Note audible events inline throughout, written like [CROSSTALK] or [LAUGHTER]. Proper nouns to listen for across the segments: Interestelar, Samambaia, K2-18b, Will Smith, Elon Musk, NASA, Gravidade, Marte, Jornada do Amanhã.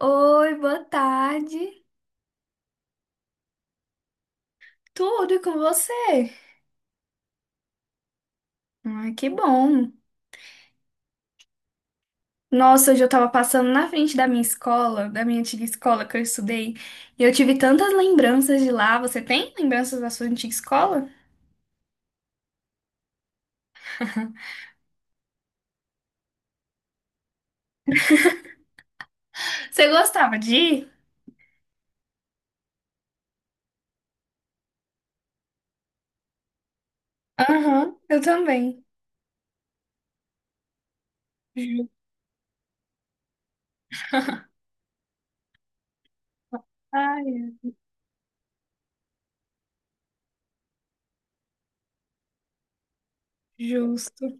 Oi, boa tarde. Tudo e com você? Ai, que bom. Nossa, hoje eu tava passando na frente da minha escola, da minha antiga escola que eu estudei, e eu tive tantas lembranças de lá. Você tem lembranças da sua antiga escola? [LAUGHS] Você gostava de ir? Aham, eu também. Ju- Ai, justo.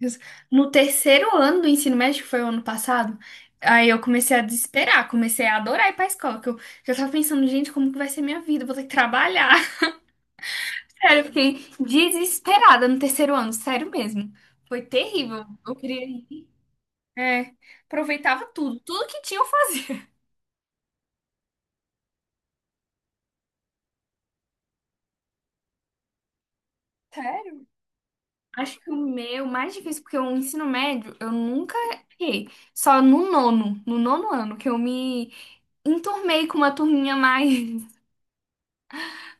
Justo. No terceiro ano do ensino médio, que foi o ano passado, aí eu comecei a desesperar, comecei a adorar ir pra escola, que eu já tava pensando, gente, como que vai ser minha vida? Eu vou ter que trabalhar. Sério, eu fiquei desesperada no terceiro ano, sério mesmo. Foi terrível. Eu queria ir. É, aproveitava tudo, tudo que tinha eu fazia. [LAUGHS] Sério? Acho que o meu mais difícil, porque o ensino médio eu nunca fiquei. Só no nono, no nono ano, que eu me enturmei com uma turminha mais.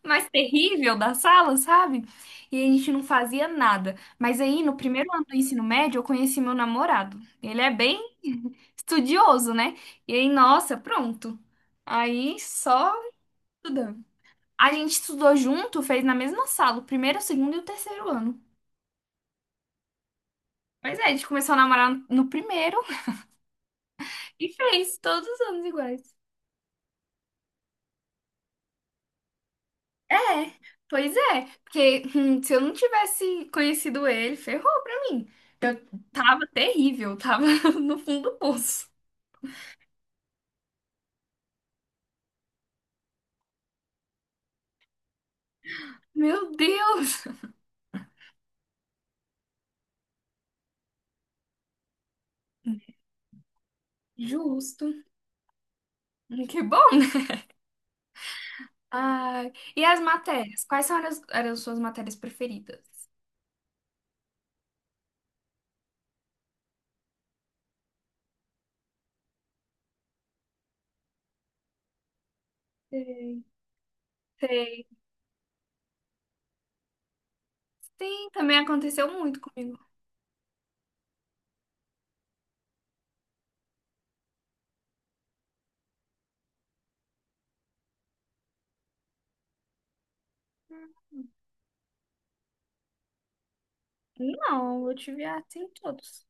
Mais terrível da sala, sabe? E a gente não fazia nada. Mas aí, no primeiro ano do ensino médio, eu conheci meu namorado. Ele é bem [LAUGHS] estudioso, né? E aí, nossa, pronto. Aí só estudando. A gente estudou junto, fez na mesma sala, o primeiro, o segundo e o terceiro ano. Pois é, a gente começou a namorar no primeiro [LAUGHS] e fez todos os anos iguais. É, pois é, porque se eu não tivesse conhecido ele, ferrou pra mim. Eu tava terrível, tava [LAUGHS] no fundo do poço. Meu Deus! Justo. Que bom, né? Ai, e as matérias? Eram as suas matérias preferidas? Sei, sei. Sim, também aconteceu muito comigo. Hum. Não, eu tive assim em todos.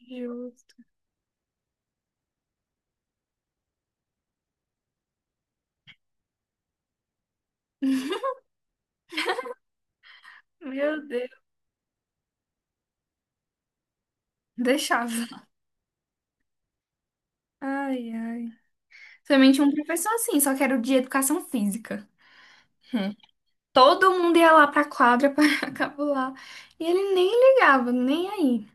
Justo. Meu Deus. Deixava. Ai, ai. Também tinha um professor assim, só que era o de educação física. Hum. Todo mundo ia lá pra quadra [LAUGHS] para capular. E ele nem ligava, nem aí.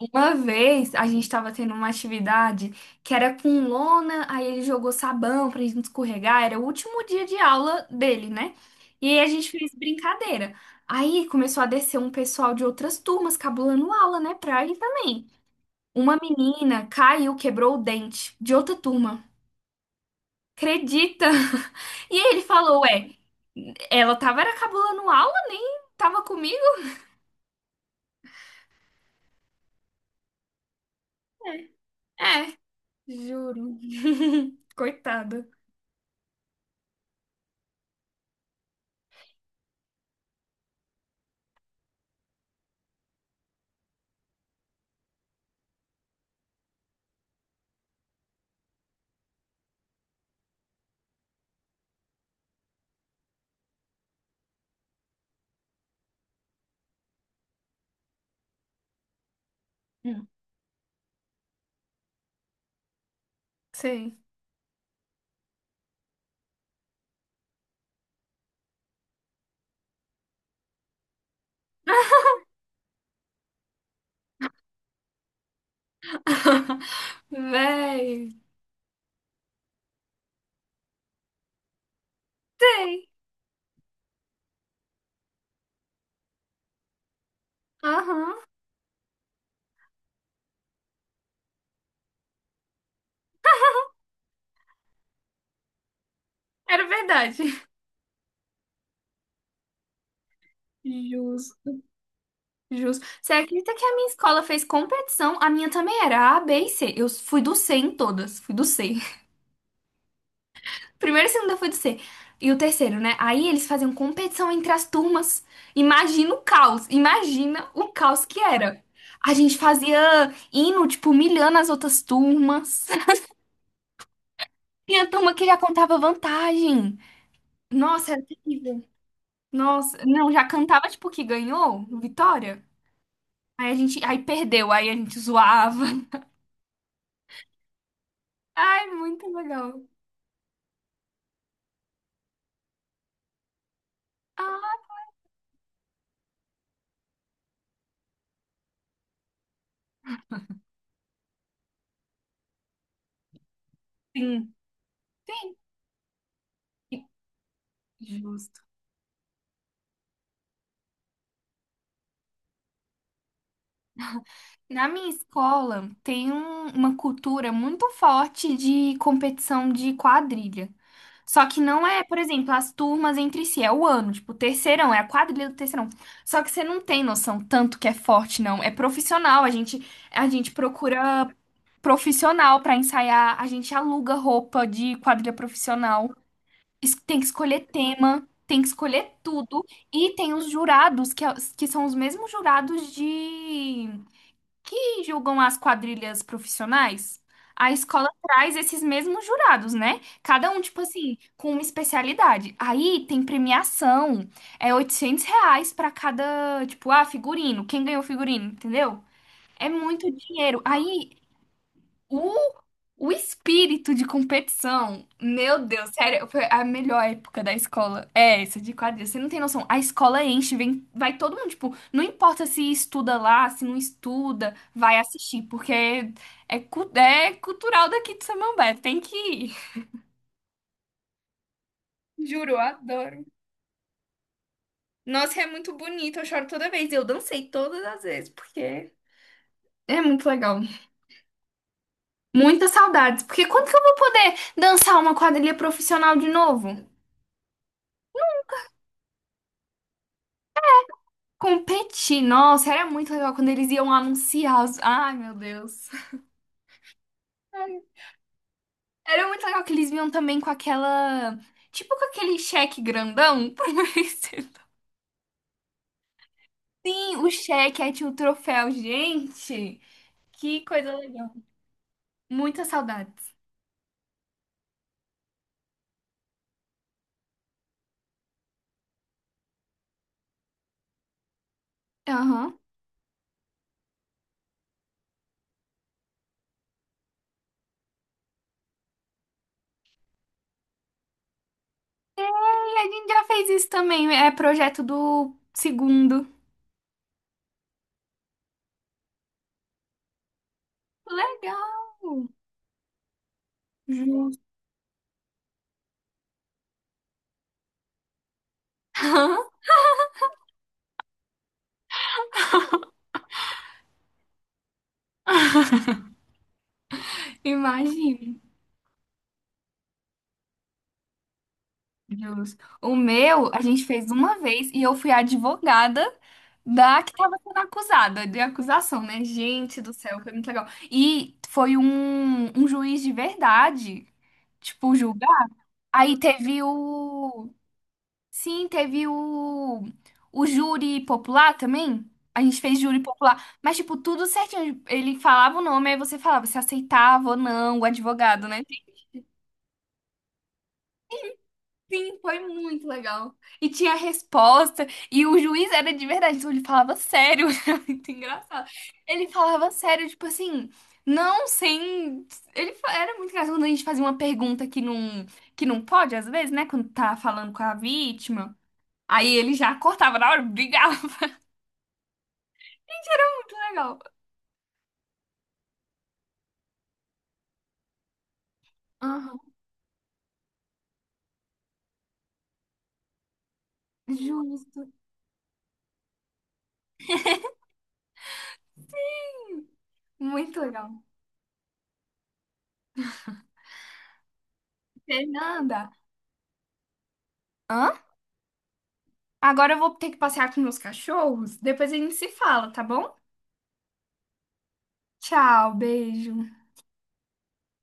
Uma vez a gente tava tendo uma atividade que era com lona, aí ele jogou sabão pra gente escorregar. Era o último dia de aula dele, né? E aí a gente fez brincadeira. Aí começou a descer um pessoal de outras turmas cabulando aula, né? Pra ele também. Uma menina caiu, quebrou o dente de outra turma. Acredita? [LAUGHS] E aí ele falou, ué, ela tava era cabulando aula, nem tava comigo? Juro. [LAUGHS] Coitada. Hum. Sei. [LAUGHS] Véi. Sei. Aham. Era verdade. Jus, jus. Você acredita que a minha escola fez competição? A minha também era A, B e C. Eu fui do C em todas. Fui do C. Primeiro e segunda foi do C. E o terceiro, né? Aí eles faziam competição entre as turmas. Imagina o caos. Imagina o caos que era. A gente fazia hino, tipo, humilhando as outras turmas. [LAUGHS] Tinha turma que já contava vantagem. Nossa, era terrível. Nossa, não, já cantava, tipo, que ganhou, vitória. Aí a gente, aí perdeu, aí a gente zoava. [LAUGHS] Ai, muito legal. Ah, sim, sim. Justo. Na minha escola tem uma cultura muito forte de competição de quadrilha. Só que não é, por exemplo, as turmas entre si, é o ano, tipo, o terceirão, é a quadrilha do terceirão. Só que você não tem noção tanto que é forte, não. É profissional, a gente procura profissional pra ensaiar, a gente aluga roupa de quadrilha profissional, tem que escolher tema, tem que escolher tudo. E tem os jurados, que são os mesmos jurados de que julgam as quadrilhas profissionais, a escola traz esses mesmos jurados, né? Cada um, tipo assim, com uma especialidade. Aí tem premiação, é R$ 800 pra cada, tipo, ah, figurino, quem ganhou figurino, entendeu? É muito dinheiro. Aí o, o espírito de competição, meu Deus, sério, foi a melhor época da escola. É essa de quadrilha. Você não tem noção. A escola enche, vem, vai todo mundo, tipo, não importa se estuda lá, se não estuda, vai assistir, porque é cultural daqui de Samambaia, tem que ir. Juro, eu adoro. Nossa, é muito bonito, eu choro toda vez. Eu dancei todas as vezes, porque é muito legal. Muitas saudades, porque quando que eu vou poder dançar uma quadrilha profissional de novo? Competir, nossa, era muito legal quando eles iam anunciar os. Ai, meu Deus. Ai, era muito legal que eles vinham também com aquela. Tipo com aquele cheque grandão pro [LAUGHS] vencedor. Sim, o cheque, aí tinha o troféu. Gente, que coisa legal. Muitas saudades. Aham. E a gente já fez isso também. É projeto do segundo. Legal. Justo. [LAUGHS] Imagina. Justo. O meu, a gente fez uma vez e eu fui a advogada da que estava sendo acusada, de acusação, né? Gente do céu, foi muito legal. E foi um juiz de verdade, tipo, julgar. Aí teve o. Sim, teve o. O júri popular também. A gente fez júri popular, mas, tipo, tudo certinho. Ele falava o nome, aí você falava se aceitava ou não, o advogado, né? Sim, foi muito legal. E tinha resposta, e o juiz era de verdade, então ele falava sério, [LAUGHS] era muito engraçado. Ele falava sério, tipo assim, não sem. Era muito engraçado quando a gente fazia uma pergunta que não pode, às vezes, né? Quando tá falando com a vítima. Aí ele já cortava na hora, brigava. [LAUGHS] Gente, era muito legal. Aham, justo. Muito legal. Fernanda, hã? Agora eu vou ter que passear com meus cachorros. Depois a gente se fala, tá bom? Tchau, beijo.